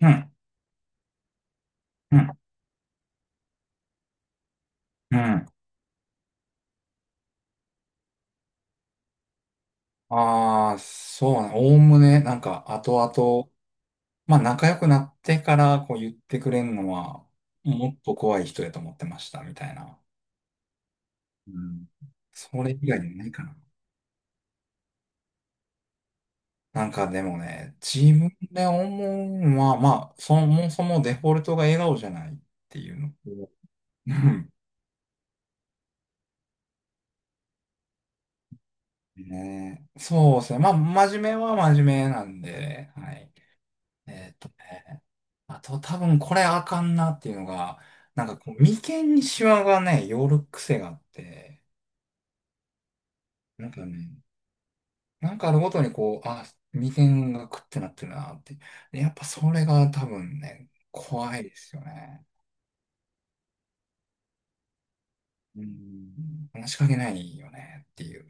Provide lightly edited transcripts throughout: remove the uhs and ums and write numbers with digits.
うん、うん、うん。ああ、そうな、おおむね、なんか、後々、まあ、仲良くなってから、こう言ってくれるのは、もっと怖い人やと思ってました、みたいな。うん。それ以外にないかな。なんかでもね、自分で思うのは、まあ、そもそもデフォルトが笑顔じゃないっていうのと、うん。 ねえ、そうですね。まあ、真面目は真面目なんで、はい。えーっとね。あと多分これあかんなっていうのが、なんかこう、眉間にシワがね、寄る癖があって、なんかね、なんかあるごとにこう、あ、眉間がくってなってるなって。でやっぱそれが多分ね、怖いですよね。うん。話しかけないよねっていう。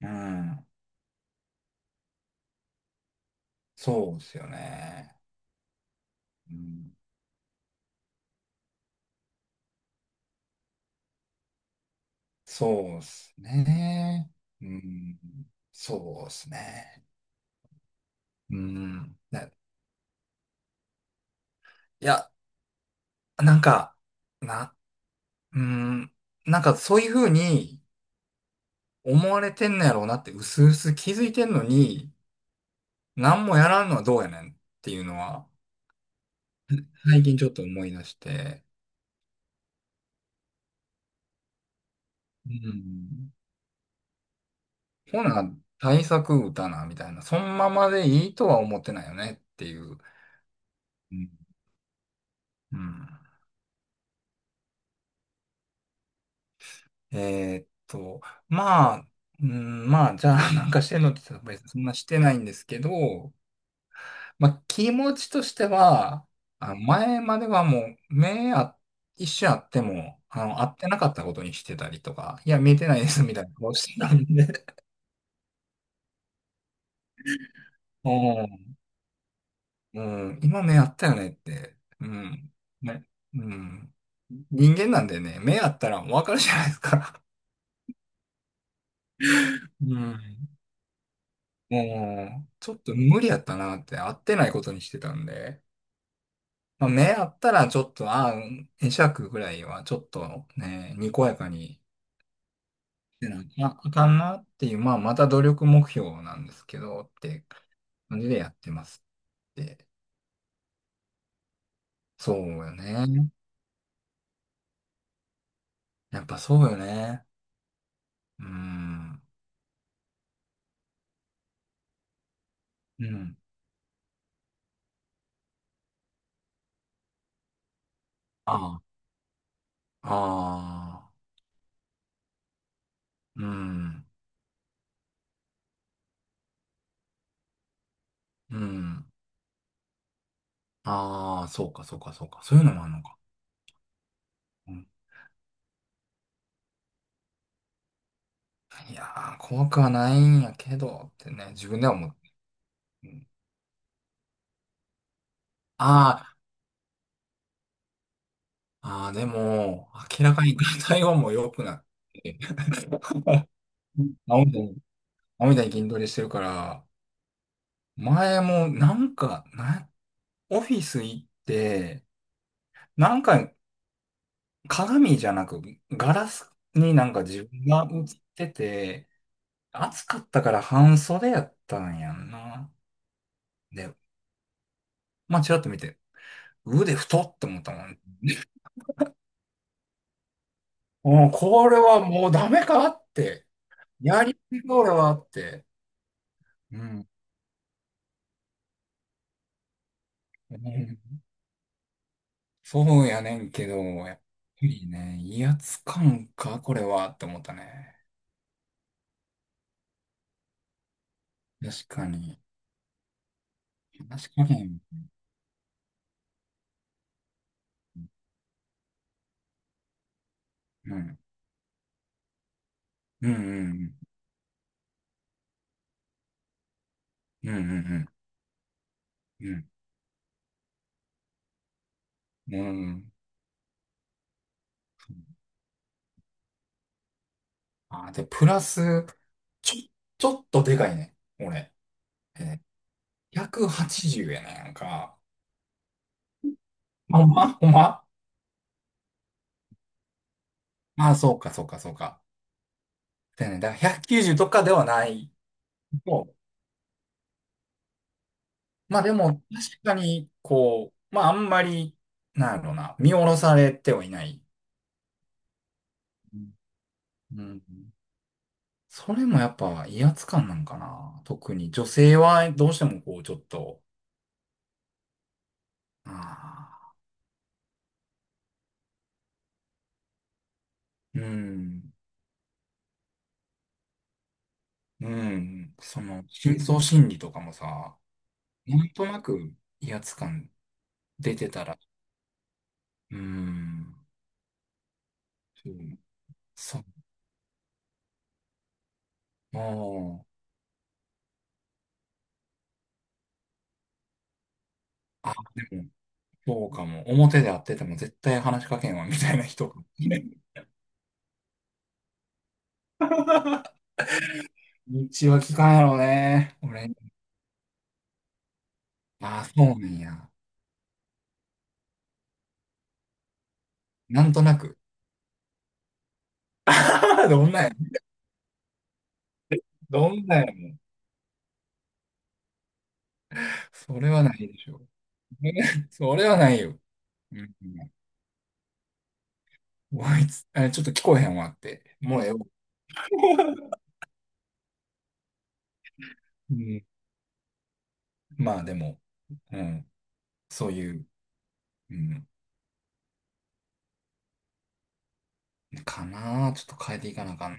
うん。そうですよね。うん。そうですね。うん。そうですね。うん。ね、いや、なんか、な、うーん、なんかそういうふうに思われてんのやろうなって、うすうす気づいてんのに、何もやらんのはどうやねんっていうのは、最近ちょっと思い出して、うん。ほな、対策打たな、みたいな、そのままでいいとは思ってないよねっていう。うん、うん。えーっと、まあ、うん、まあ、じゃあなんかしてんのって言ったら別にそんなしてないんですけど、まあ、気持ちとしては、あの前まではもう、目あ、一瞬あっても、あの、会ってなかったことにしてたりとか、いや、見えてないですみたいな顔してたんで、うん、うん今目あったよねって、うん、ね、うん。人間なんでね、目あったらわかるじゃないですか。うん。もう、ちょっと無理やったなって、会ってないことにしてたんで、まあ、目あったらちょっと、ああ、会釈ぐらいはちょっとね、にこやかにてなきゃあかんなっていう、まあ、また努力目標なんですけど、って感じでやってますって。そうよね。やっぱそうよね。うん。うん。ああ。ああ。うん。うん。ああ、そうか、そうか、そうか。そういうのもあるのか。うん、いやー、怖くはないんやけど、ってね、自分では思って。うん、あー、あー、でも、明らかに体温も良くなって。青みたいに、青みたいに筋トレしてるから、前もなんか、オフィス行って、なんか鏡じゃなくガラスになんか自分が映ってて、暑かったから半袖やったんやんな。で、まあちらっと見て、腕太って思ったもん。もうこれはもうダメかって。やりすぎこれはって。うん。うん、そうやねんけど、やっぱりね、威圧感か、これはって思ったね。確かに。確かに。うん、うん、うん、うん、うん、うん、うん。うん、あー、で、プラス、ちちょっとでかいね。俺。えー、180やね、なんか。ほんまほんま、ああ、そうか、そうか、そうか。でね、だから190とかではないと。まあでも、確かに、こう、まああんまり、なんやろうな、見下ろされてはいない。うん。それもやっぱ威圧感なんかな。特に女性はどうしてもこうちょっと、ああ、うん。うん、その、深層心理とかもさ、なんとなく威圧感出てたら、うん、そう、そう、もう、あ、でも、そうかも。表で会ってても絶対話しかけんわ、みたいな人が。道は聞かんやろね。俺、ああ、そうなんや。なんとなく。あ、どんなんや。どんなんやもん。それはないでしょ。ね、 それはないよ。うん、こいつ、あ、ちょっと聞こえへんわって。もうええわ。まあでも、うん、そういう、うん、かなあちょっと変えていかなあかんな。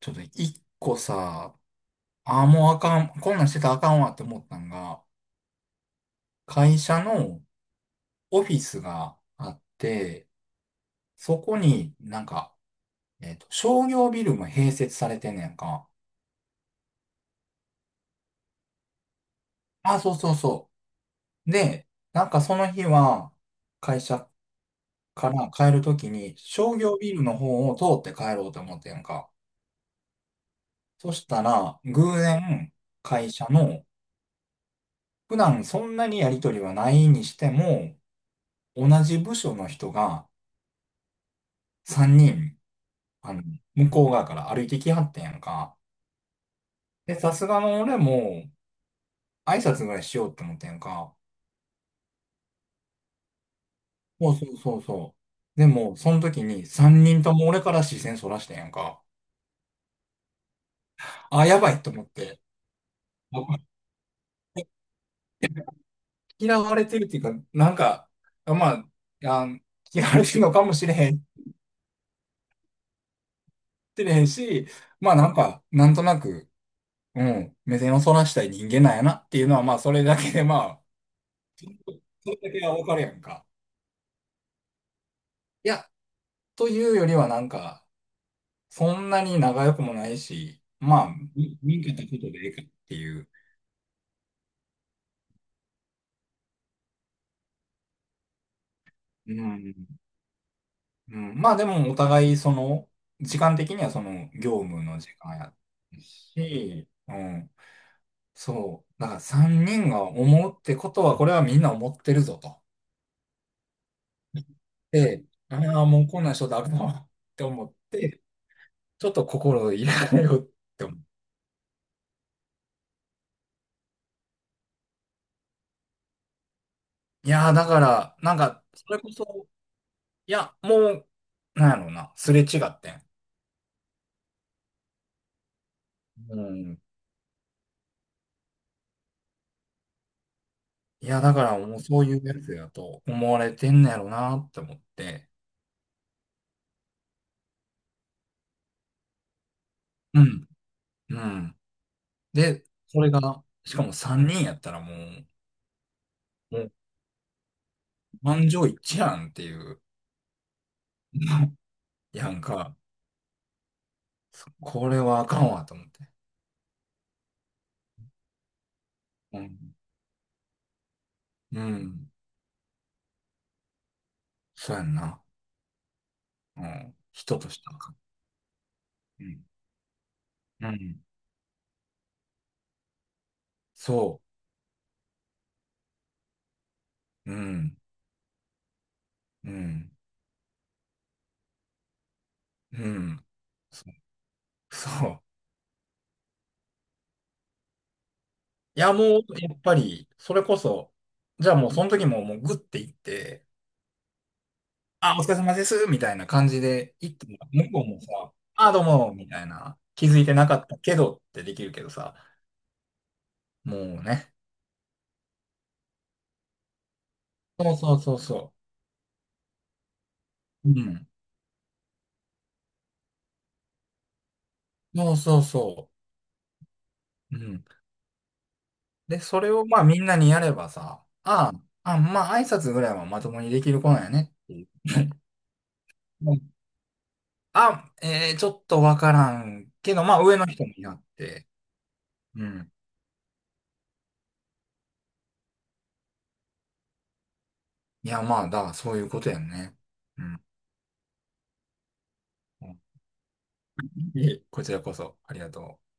ちょっと一個さ、ああ、もうあかん、こんなんしてたらあかんわって思ったんが、会社のオフィスがあって、そこになんか、えっと、商業ビルも併設されてんねやんか。あ、そうそうそう。で、なんかその日は、会社から帰るときに、商業ビルの方を通って帰ろうと思ってんやんか。そしたら、偶然、会社の、普段そんなにやりとりはないにしても、同じ部署の人が3人、あの、向こう側から歩いてきはってんやんか。で、さすがの俺も挨拶ぐらいしようって思ってんやんか。そうそうそうそう。でも、その時に3人とも俺から視線そらしてんやんか。あ、やばいと思って。嫌われてるっていうか、なんか、まあ、あ嫌われてるのかもしれへん、しれへんし、まあなんか、なんとなく、うん、目線をそらしたい人間なんやなっていうのは、まあ、それだけで、まあ、それだけはわかるやんか。いや、というよりはなんか、そんなに仲良くもないし、まあ、見んったことでええかっていう。うん。うん、まあ、でも、お互い、その、時間的にはその、業務の時間やったし、うん。そう。だから、3人が思うってことは、これはみんな思ってるぞと。で、ああ、もうこんな人だろうって思って、ちょっと心を入れ替えようって思う。いやー、だから、なんか、それこそ、いや、もう、なんやろうな、すれ違ってん。うん。いや、だから、もうそういうやつやと思われてんのやろうなって思って。うん。うん。で、それが、しかも3人やったらもう、もう、満場一致やんっていう、やんか、そこれはあかんわと思って。うん。うん。そうやんな。うん。人としてはあかん。うん。うん。そう。うん。うん。うん。そう。いや、もう、やっぱり、それこそ、じゃあもう、その時も、もう、グッて行って、あ、お疲れ様です、みたいな感じで行っても、向こうもさ、あ、どうも、みたいな、気づいてなかったけどってできるけどさ、もうね。そうそうそうそう。うん。そうそうそう。うん。で、それを、まあ、みんなにやればさ、ああ、あ、まあ、挨拶ぐらいはまともにできる子なんやねっていう。うん、あ、えー、ちょっとわからんけど、まあ、上の人になって、うん。いや、まあ、だ、そういうことやんね。うん。いえ、こちらこそ、ありがとう。